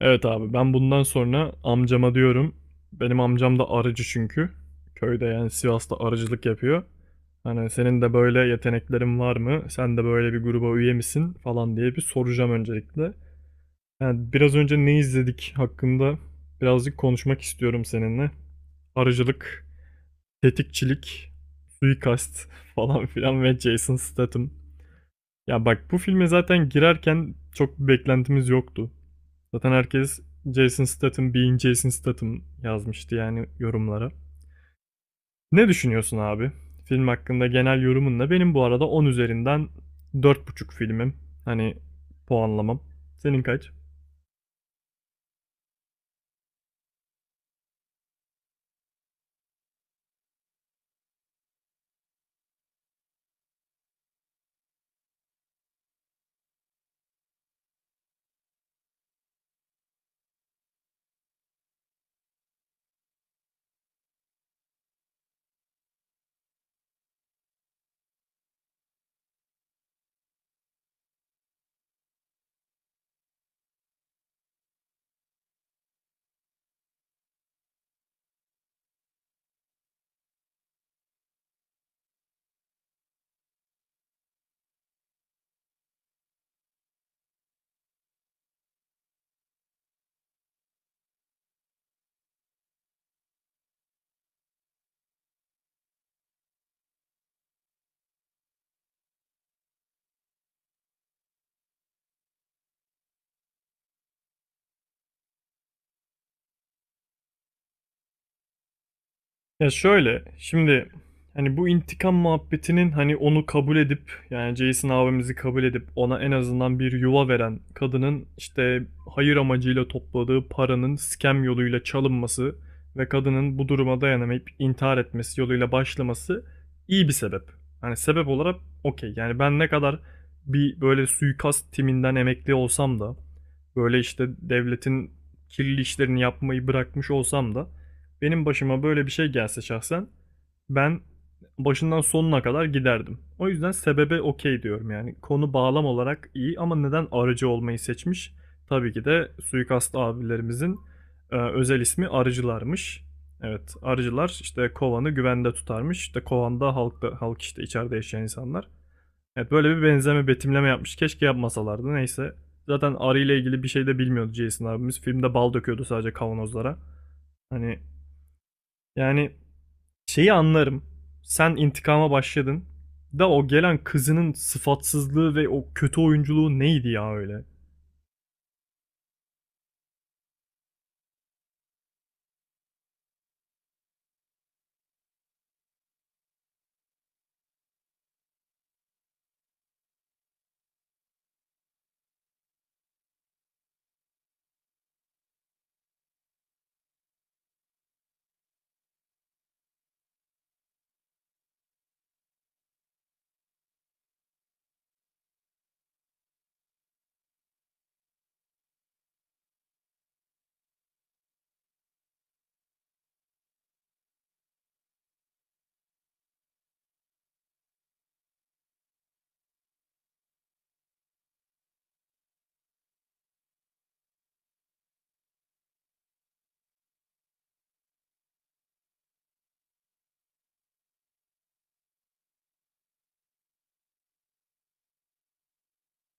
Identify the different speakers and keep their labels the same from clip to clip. Speaker 1: Evet abi, ben bundan sonra amcama diyorum. Benim amcam da arıcı çünkü. Köyde, yani Sivas'ta arıcılık yapıyor. Hani senin de böyle yeteneklerin var mı? Sen de böyle bir gruba üye misin falan diye bir soracağım öncelikle. Yani biraz önce ne izledik hakkında birazcık konuşmak istiyorum seninle. Arıcılık, tetikçilik, suikast falan filan ve Jason Statham. Ya bak, bu filme zaten girerken çok bir beklentimiz yoktu. Zaten herkes Jason Statham being Jason Statham yazmıştı yani yorumlara. Ne düşünüyorsun abi? Film hakkında genel yorumunla, benim bu arada 10 üzerinden 4,5 filmim. Hani puanlamam. Senin kaç? Ya şöyle, şimdi hani bu intikam muhabbetinin, hani onu kabul edip, yani Jason abimizi kabul edip ona en azından bir yuva veren kadının işte hayır amacıyla topladığı paranın scam yoluyla çalınması ve kadının bu duruma dayanamayıp intihar etmesi yoluyla başlaması iyi bir sebep. Hani sebep olarak okey. Yani ben ne kadar bir böyle suikast timinden emekli olsam da, böyle işte devletin kirli işlerini yapmayı bırakmış olsam da, benim başıma böyle bir şey gelse şahsen ben başından sonuna kadar giderdim. O yüzden sebebe okey diyorum yani. Konu bağlam olarak iyi ama neden arıcı olmayı seçmiş? Tabii ki de suikast abilerimizin özel ismi arıcılarmış. Evet, arıcılar işte kovanı güvende tutarmış. İşte kovanda halkta halk, işte içeride yaşayan insanlar. Evet, böyle bir benzeme betimleme yapmış. Keşke yapmasalardı. Neyse. Zaten arı ile ilgili bir şey de bilmiyordu Jason abimiz. Filmde bal döküyordu sadece kavanozlara. Hani yani şeyi anlarım. Sen intikama başladın. Da o gelen kızının sıfatsızlığı ve o kötü oyunculuğu neydi ya öyle?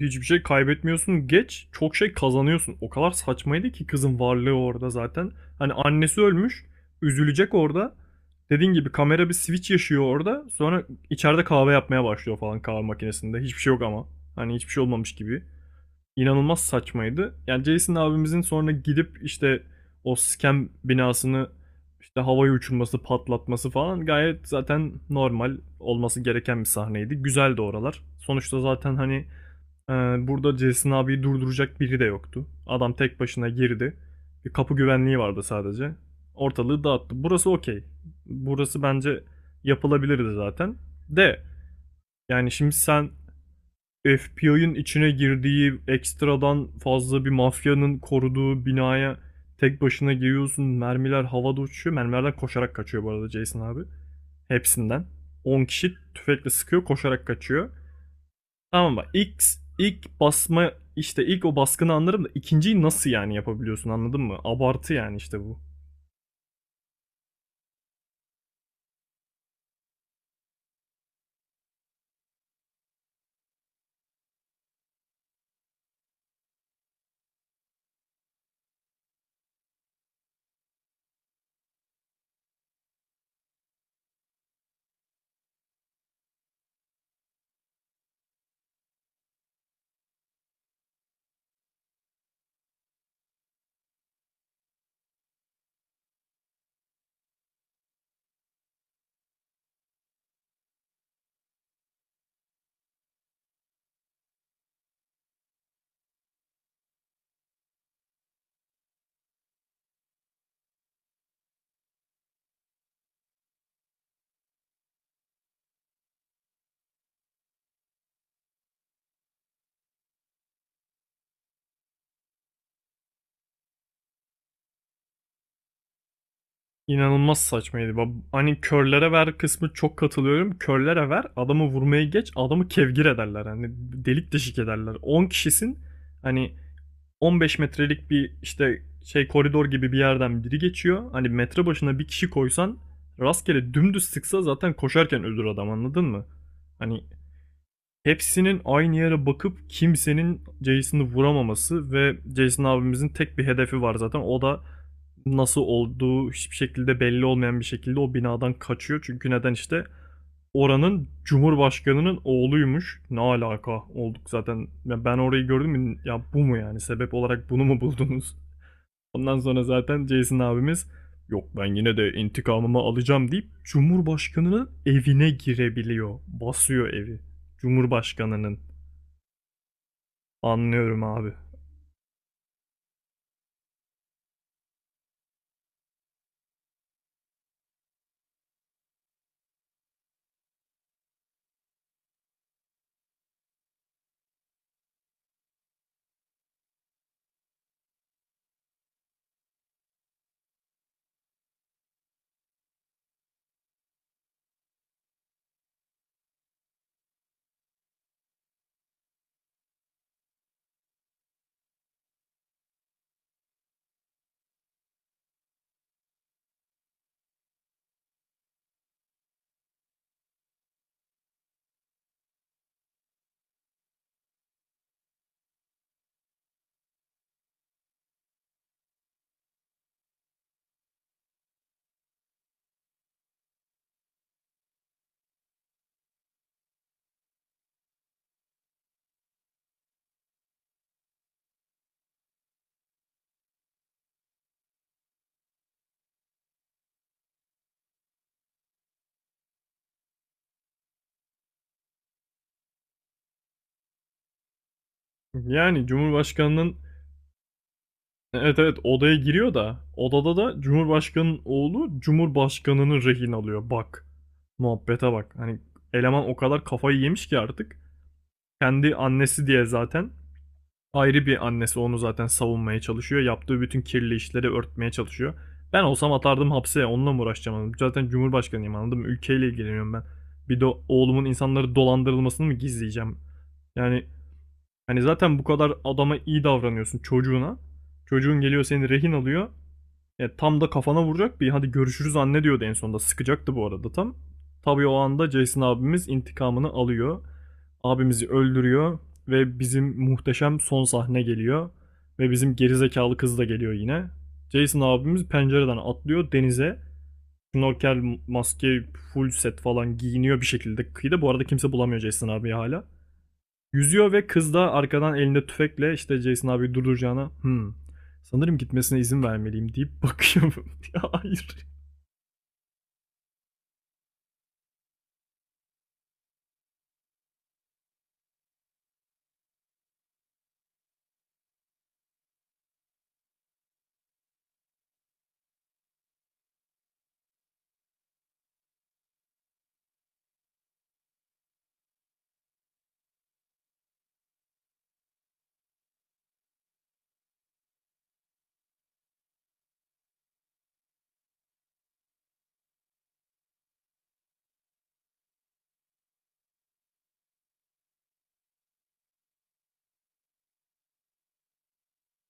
Speaker 1: Hiçbir şey kaybetmiyorsun, geç çok şey kazanıyorsun. O kadar saçmaydı ki kızın varlığı orada zaten. Hani annesi ölmüş, üzülecek orada. Dediğin gibi kamera bir switch yaşıyor orada. Sonra içeride kahve yapmaya başlıyor falan, kahve makinesinde. Hiçbir şey yok ama. Hani hiçbir şey olmamış gibi. İnanılmaz saçmaydı. Yani Jason abimizin sonra gidip işte o scam binasını işte havaya uçurması, patlatması falan gayet zaten normal olması gereken bir sahneydi. Güzeldi oralar. Sonuçta zaten hani e, burada Jason abiyi durduracak biri de yoktu. Adam tek başına girdi. Bir kapı güvenliği vardı sadece. Ortalığı dağıttı. Burası okey. Burası bence yapılabilirdi zaten. De yani şimdi sen FBI'ın içine girdiği ekstradan fazla bir mafyanın koruduğu binaya tek başına giriyorsun. Mermiler havada uçuyor. Mermilerden koşarak kaçıyor bu arada Jason abi. Hepsinden. 10 kişi tüfekle sıkıyor, koşarak kaçıyor. Tamam bak, ilk, ilk basma işte ilk o baskını anlarım da ikinciyi nasıl yani yapabiliyorsun, anladın mı? Abartı yani işte bu. İnanılmaz saçmaydı. Hani körlere ver kısmı, çok katılıyorum. Körlere ver, adamı vurmaya geç, adamı kevgir ederler. Hani delik deşik ederler. 10 kişisin, hani 15 metrelik bir işte şey koridor gibi bir yerden biri geçiyor. Hani metre başına bir kişi koysan, rastgele dümdüz sıksa zaten koşarken ölür adam, anladın mı? Hani hepsinin aynı yere bakıp kimsenin Jason'ı vuramaması ve Jason abimizin tek bir hedefi var zaten. O da nasıl olduğu hiçbir şekilde belli olmayan bir şekilde o binadan kaçıyor. Çünkü neden, işte oranın cumhurbaşkanının oğluymuş. Ne alaka olduk zaten. Ya ben orayı gördüm mü? Ya bu mu yani? Sebep olarak bunu mu buldunuz? Ondan sonra zaten Jason abimiz yok, ben yine de intikamımı alacağım deyip cumhurbaşkanının evine girebiliyor. Basıyor evi. Cumhurbaşkanının. Anlıyorum abi. Yani Cumhurbaşkanının, evet, evet, odaya giriyor da odada da Cumhurbaşkanının oğlu Cumhurbaşkanını rehin alıyor. Bak. Muhabbete bak. Hani eleman o kadar kafayı yemiş ki artık. Kendi annesi diye zaten, ayrı bir annesi onu zaten savunmaya çalışıyor. Yaptığı bütün kirli işleri örtmeye çalışıyor. Ben olsam atardım hapse. Onunla mı uğraşacağım? Zaten Cumhurbaşkanıyım, anladım. Ülkeyle ilgileniyorum ben. Bir de oğlumun insanları dolandırılmasını mı gizleyeceğim? Yani hani zaten bu kadar adama iyi davranıyorsun, çocuğuna. Çocuğun geliyor, seni rehin alıyor. Tam da kafana vuracak bir hadi görüşürüz anne diyordu en sonunda. Sıkacaktı bu arada tam. Tabii o anda Jason abimiz intikamını alıyor. Abimizi öldürüyor ve bizim muhteşem son sahne geliyor. Ve bizim gerizekalı kız da geliyor yine. Jason abimiz pencereden atlıyor denize. Snorkel, maske, full set falan giyiniyor bir şekilde kıyıda. Bu arada kimse bulamıyor Jason abi hala. Yüzüyor ve kız da arkadan elinde tüfekle işte Jason abi durduracağına sanırım gitmesine izin vermeliyim deyip bakıyorum. Ya, hayır.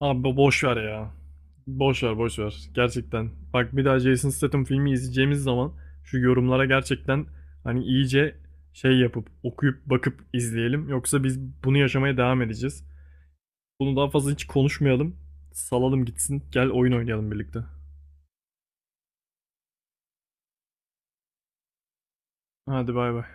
Speaker 1: Abi boş ver ya. Boş ver, boş ver. Gerçekten. Bak, bir daha Jason Statham filmi izleyeceğimiz zaman şu yorumlara gerçekten hani iyice şey yapıp okuyup bakıp izleyelim. Yoksa biz bunu yaşamaya devam edeceğiz. Bunu daha fazla hiç konuşmayalım. Salalım gitsin. Gel oyun oynayalım birlikte. Hadi bay bay.